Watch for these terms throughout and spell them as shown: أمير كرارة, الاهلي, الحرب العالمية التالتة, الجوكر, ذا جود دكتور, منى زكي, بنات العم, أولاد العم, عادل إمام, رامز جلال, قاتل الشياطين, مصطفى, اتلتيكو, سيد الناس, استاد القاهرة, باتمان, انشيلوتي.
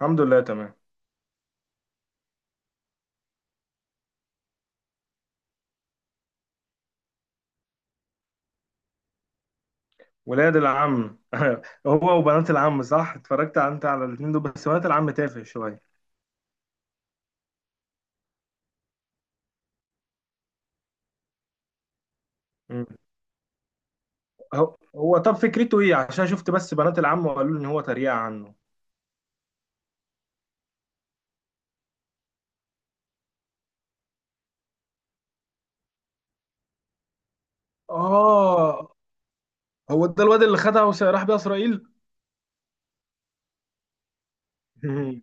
الحمد لله تمام. ولاد العم هو وبنات العم، صح؟ اتفرجت انت على الاثنين دول، بس بنات العم تافه شويه. مم. هو طب فكرته ايه؟ عشان شفت بس بنات العم وقالوا لي ان هو تريقه عنه. اه، هو ده الواد اللي خدها وراح بيها اسرائيل. مم.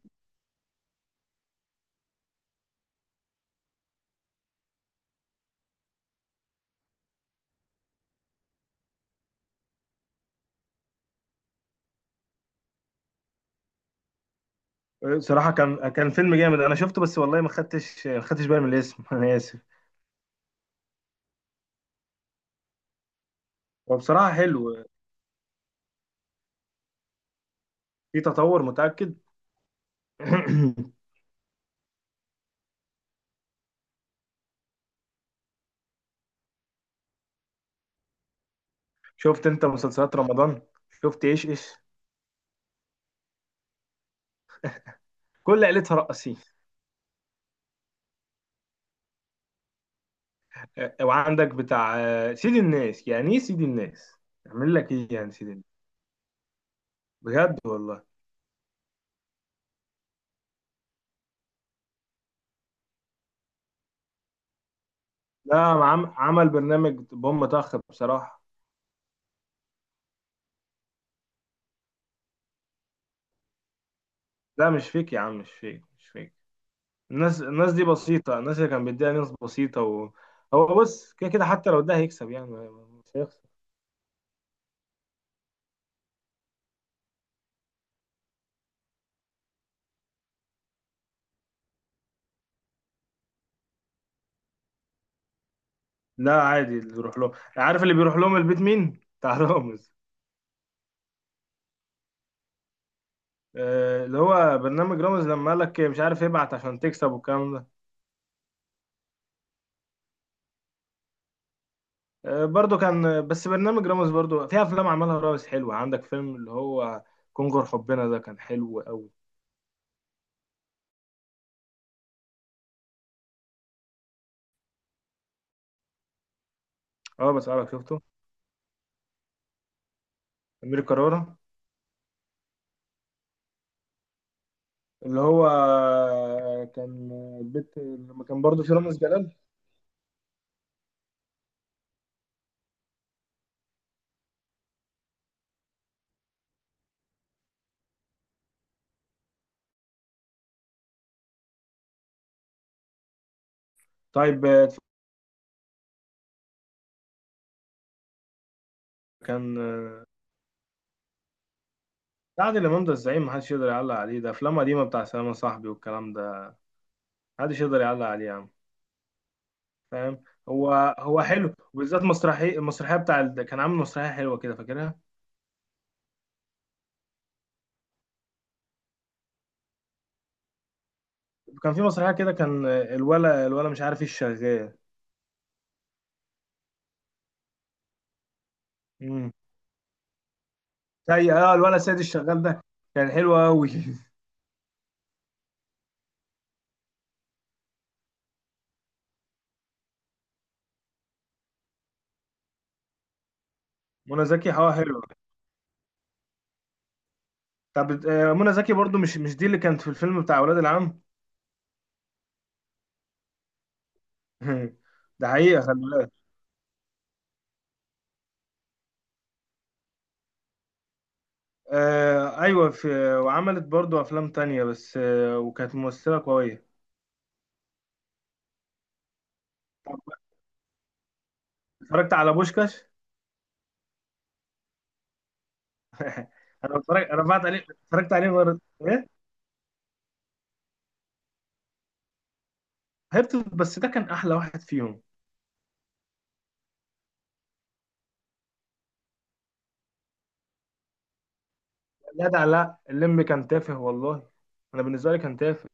صراحه كان فيلم جامد، انا شفته بس والله ما خدتش بالي من الاسم. انا اسف. هو بصراحه حلو، في تطور، متاكد. شفت انت مسلسلات رمضان؟ شفت ايش ايش؟ كل عيلتها رقصين. وعندك بتاع سيد الناس، يعني ايه سيد الناس؟ اعمل لك ايه يعني سيد الناس؟ بجد والله. لا عم، عمل برنامج بوم طخ بصراحة. لا مش فيك يا عم، مش فيك مش فيك. الناس دي بسيطة، الناس اللي كان بيديها ناس بسيطة و... هو بص، كده كده حتى لو ده هيكسب يعني، مش هيخسر. لا عادي اللي يروح لهم. عارف اللي بيروح لهم البيت مين؟ بتاع رامز. اللي هو برنامج رامز، لما قال لك مش عارف ابعت عشان تكسب والكلام ده. برضو كان، بس برنامج رامز برضو في افلام عملها رامز حلوه، عندك فيلم اللي هو كونغر حبنا، ده كان حلو قوي. اه بس عارف شفته، امير كرارة. اللي هو كان البيت، لما كان برضو في رامز جلال. طيب. كان عادل امام ده الزعيم، محدش يقدر يعلق عليه، ده افلام قديمه بتاع سلام صاحبي والكلام ده. محدش يقدر يعلق عليه يا عم. فاهم. هو حلو، وبالذات المسرحيه كان عامل مسرحيه حلوه كده، فاكرها. كان في مسرحيه كده، كان الولا مش عارف ايه الشغال. زي الولد سيد الشغال ده، كان حلو قوي. منى زكي حلو. طب منى زكي برضو، مش دي اللي كانت في الفيلم بتاع اولاد العم؟ ده حقيقة، خلي بالك. آه ايوه، في. وعملت برضو افلام تانية، بس وكانت ممثلة قوية. طب اتفرجت على بوشكاش؟ انا بعت عليه، اتفرجت عليه مرة. ايه، هرت، بس ده كان احلى واحد فيهم. لا ده لا، اللمبي كان تافه والله، انا بالنسبة لي كان تافه.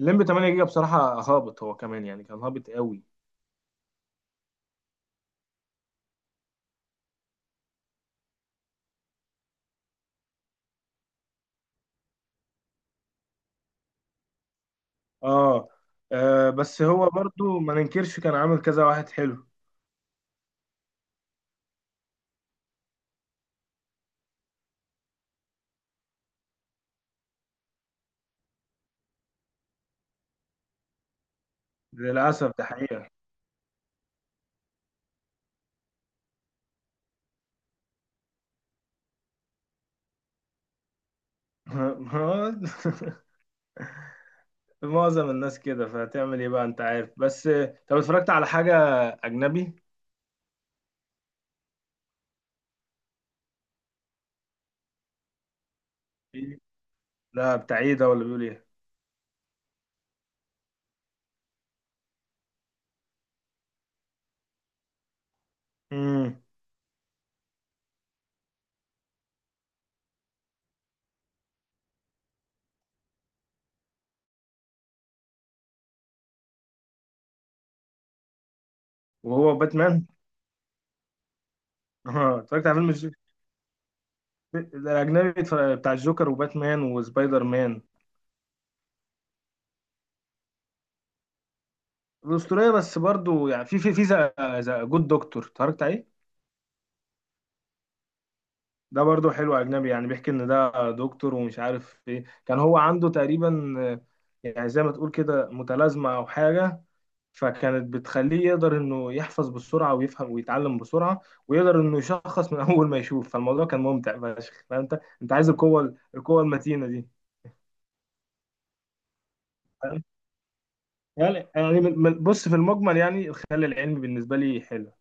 اللمبي 8 جيجا بصراحة هابط، هو كمان يعني كان هابط قوي. اه، بس هو برضو ما ننكرش كان عامل كذا واحد حلو. للأسف ده حقيقة. ما- معظم الناس كده، فهتعمل ايه بقى؟ انت عارف بس. طب اتفرجت على حاجة أجنبي؟ إيه؟ لا، بتاع ايه ده؟ ولا بيقول ايه؟ امم. وهو باتمان؟ اه، اتفرجت على فيلم الأجنبي، بتاع الجوكر وباتمان وسبايدر مان. الأسطورية، بس برضو يعني في ذا جود دكتور، اتفرجت عليه؟ ده برضه حلو، أجنبي يعني. بيحكي إن ده دكتور ومش عارف إيه كان هو عنده تقريبا. يعني زي ما تقول كده متلازمة أو حاجة، فكانت بتخليه يقدر إنه يحفظ بسرعة ويفهم ويتعلم بسرعة، ويقدر إنه يشخص من أول ما يشوف. فالموضوع كان ممتع فشخ. فأنت عايز القوة المتينة دي. فاهم؟ يعني بص، في المجمل يعني الخيال العلمي بالنسبة لي حلو.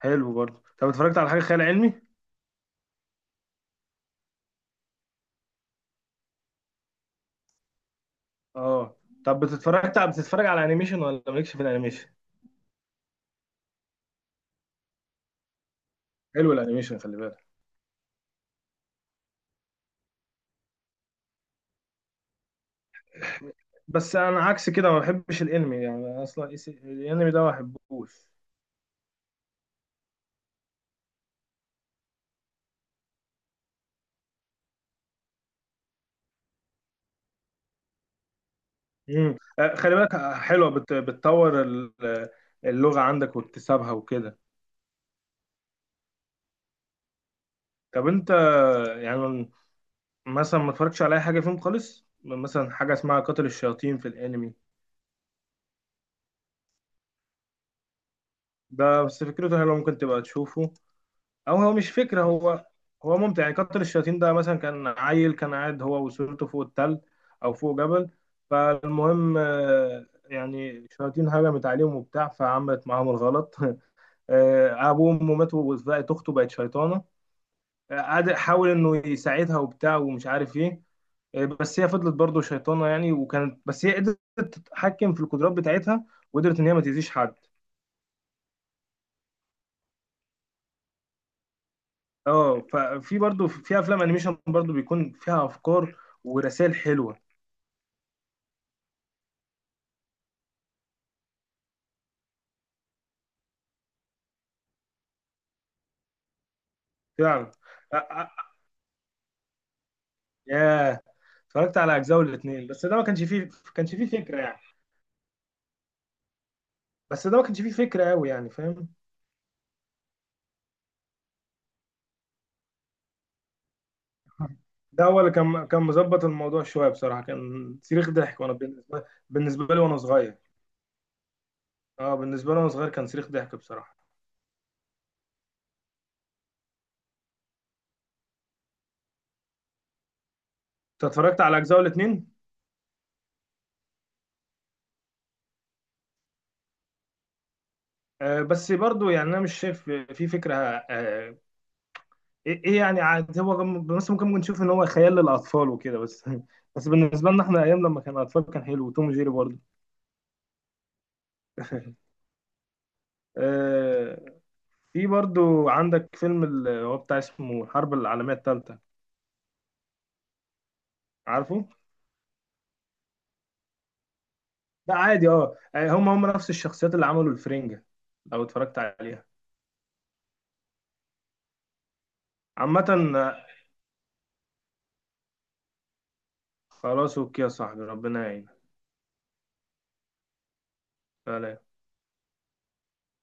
حلو برضه. طب اتفرجت على حاجة خيال علمي؟ آه. طب بتتفرج على أنيميشن، ولا مالكش في الأنيميشن؟ حلو الأنيميشن، خلي بالك. بس انا عكس كده، ما بحبش الانمي يعني اصلا، الانمي ده ما بحبوش. خلي بالك. حلوه، بتطور اللغه عندك واكتسابها وكده. طب انت، يعني، مثلا ما اتفرجتش على اي حاجه فيهم خالص، مثلا حاجه اسمها قاتل الشياطين في الانمي؟ ده بس فكرته حلوه، ممكن تبقى تشوفه. او هو مش فكره، هو ممتع يعني. كتر الشياطين ده مثلا، كان عيل كان قاعد هو واسرته فوق التل، او فوق جبل. فالمهم يعني الشياطين هجمت عليهم وبتاع، فعملت معاهم الغلط. ابوه وامه ماتوا، وبقت اخته بقت شيطانه. قعد حاول انه يساعدها وبتاع، ومش عارف ايه. بس هي فضلت برضه شيطانه يعني، وكانت بس هي قدرت تتحكم في القدرات بتاعتها، وقدرت ان هي ما تاذيش حد. اه، ففي برضه في افلام انيميشن برضه بيكون فيها افكار ورسائل حلوه، فعلا. أ- أ- ياه، اتفرجت على اجزاء الاثنين، بس ده ما كانش فيه. كانش فيه فكره يعني، بس ده ما كانش فيه فكره قوي يعني، فاهم. ده هو اللي كان مظبط الموضوع شويه بصراحه، كان صريخ ضحك، وانا بالنسبه، بالنسبه لي وانا صغير، اه بالنسبه لي وانا صغير كان صريخ ضحك بصراحه. انت اتفرجت على اجزاء الاثنين؟ بس برضو يعني انا مش شايف في فكره. ايه إيه يعني؟ عاد هو بس ممكن نشوف ان هو خيال للاطفال وكده بس. بس بالنسبه لنا احنا ايام لما كان اطفال، كان حلو، وتوم وجيري برضو. آه، في برضو عندك فيلم اللي هو بتاع اسمه الحرب العالمية التالتة، عارفه؟ ده عادي، اه يعني هم نفس الشخصيات اللي عملوا الفرنجة لو اتفرجت عليها. عامة. خلاص اوكي يا صاحبي، ربنا يعينك. سلام.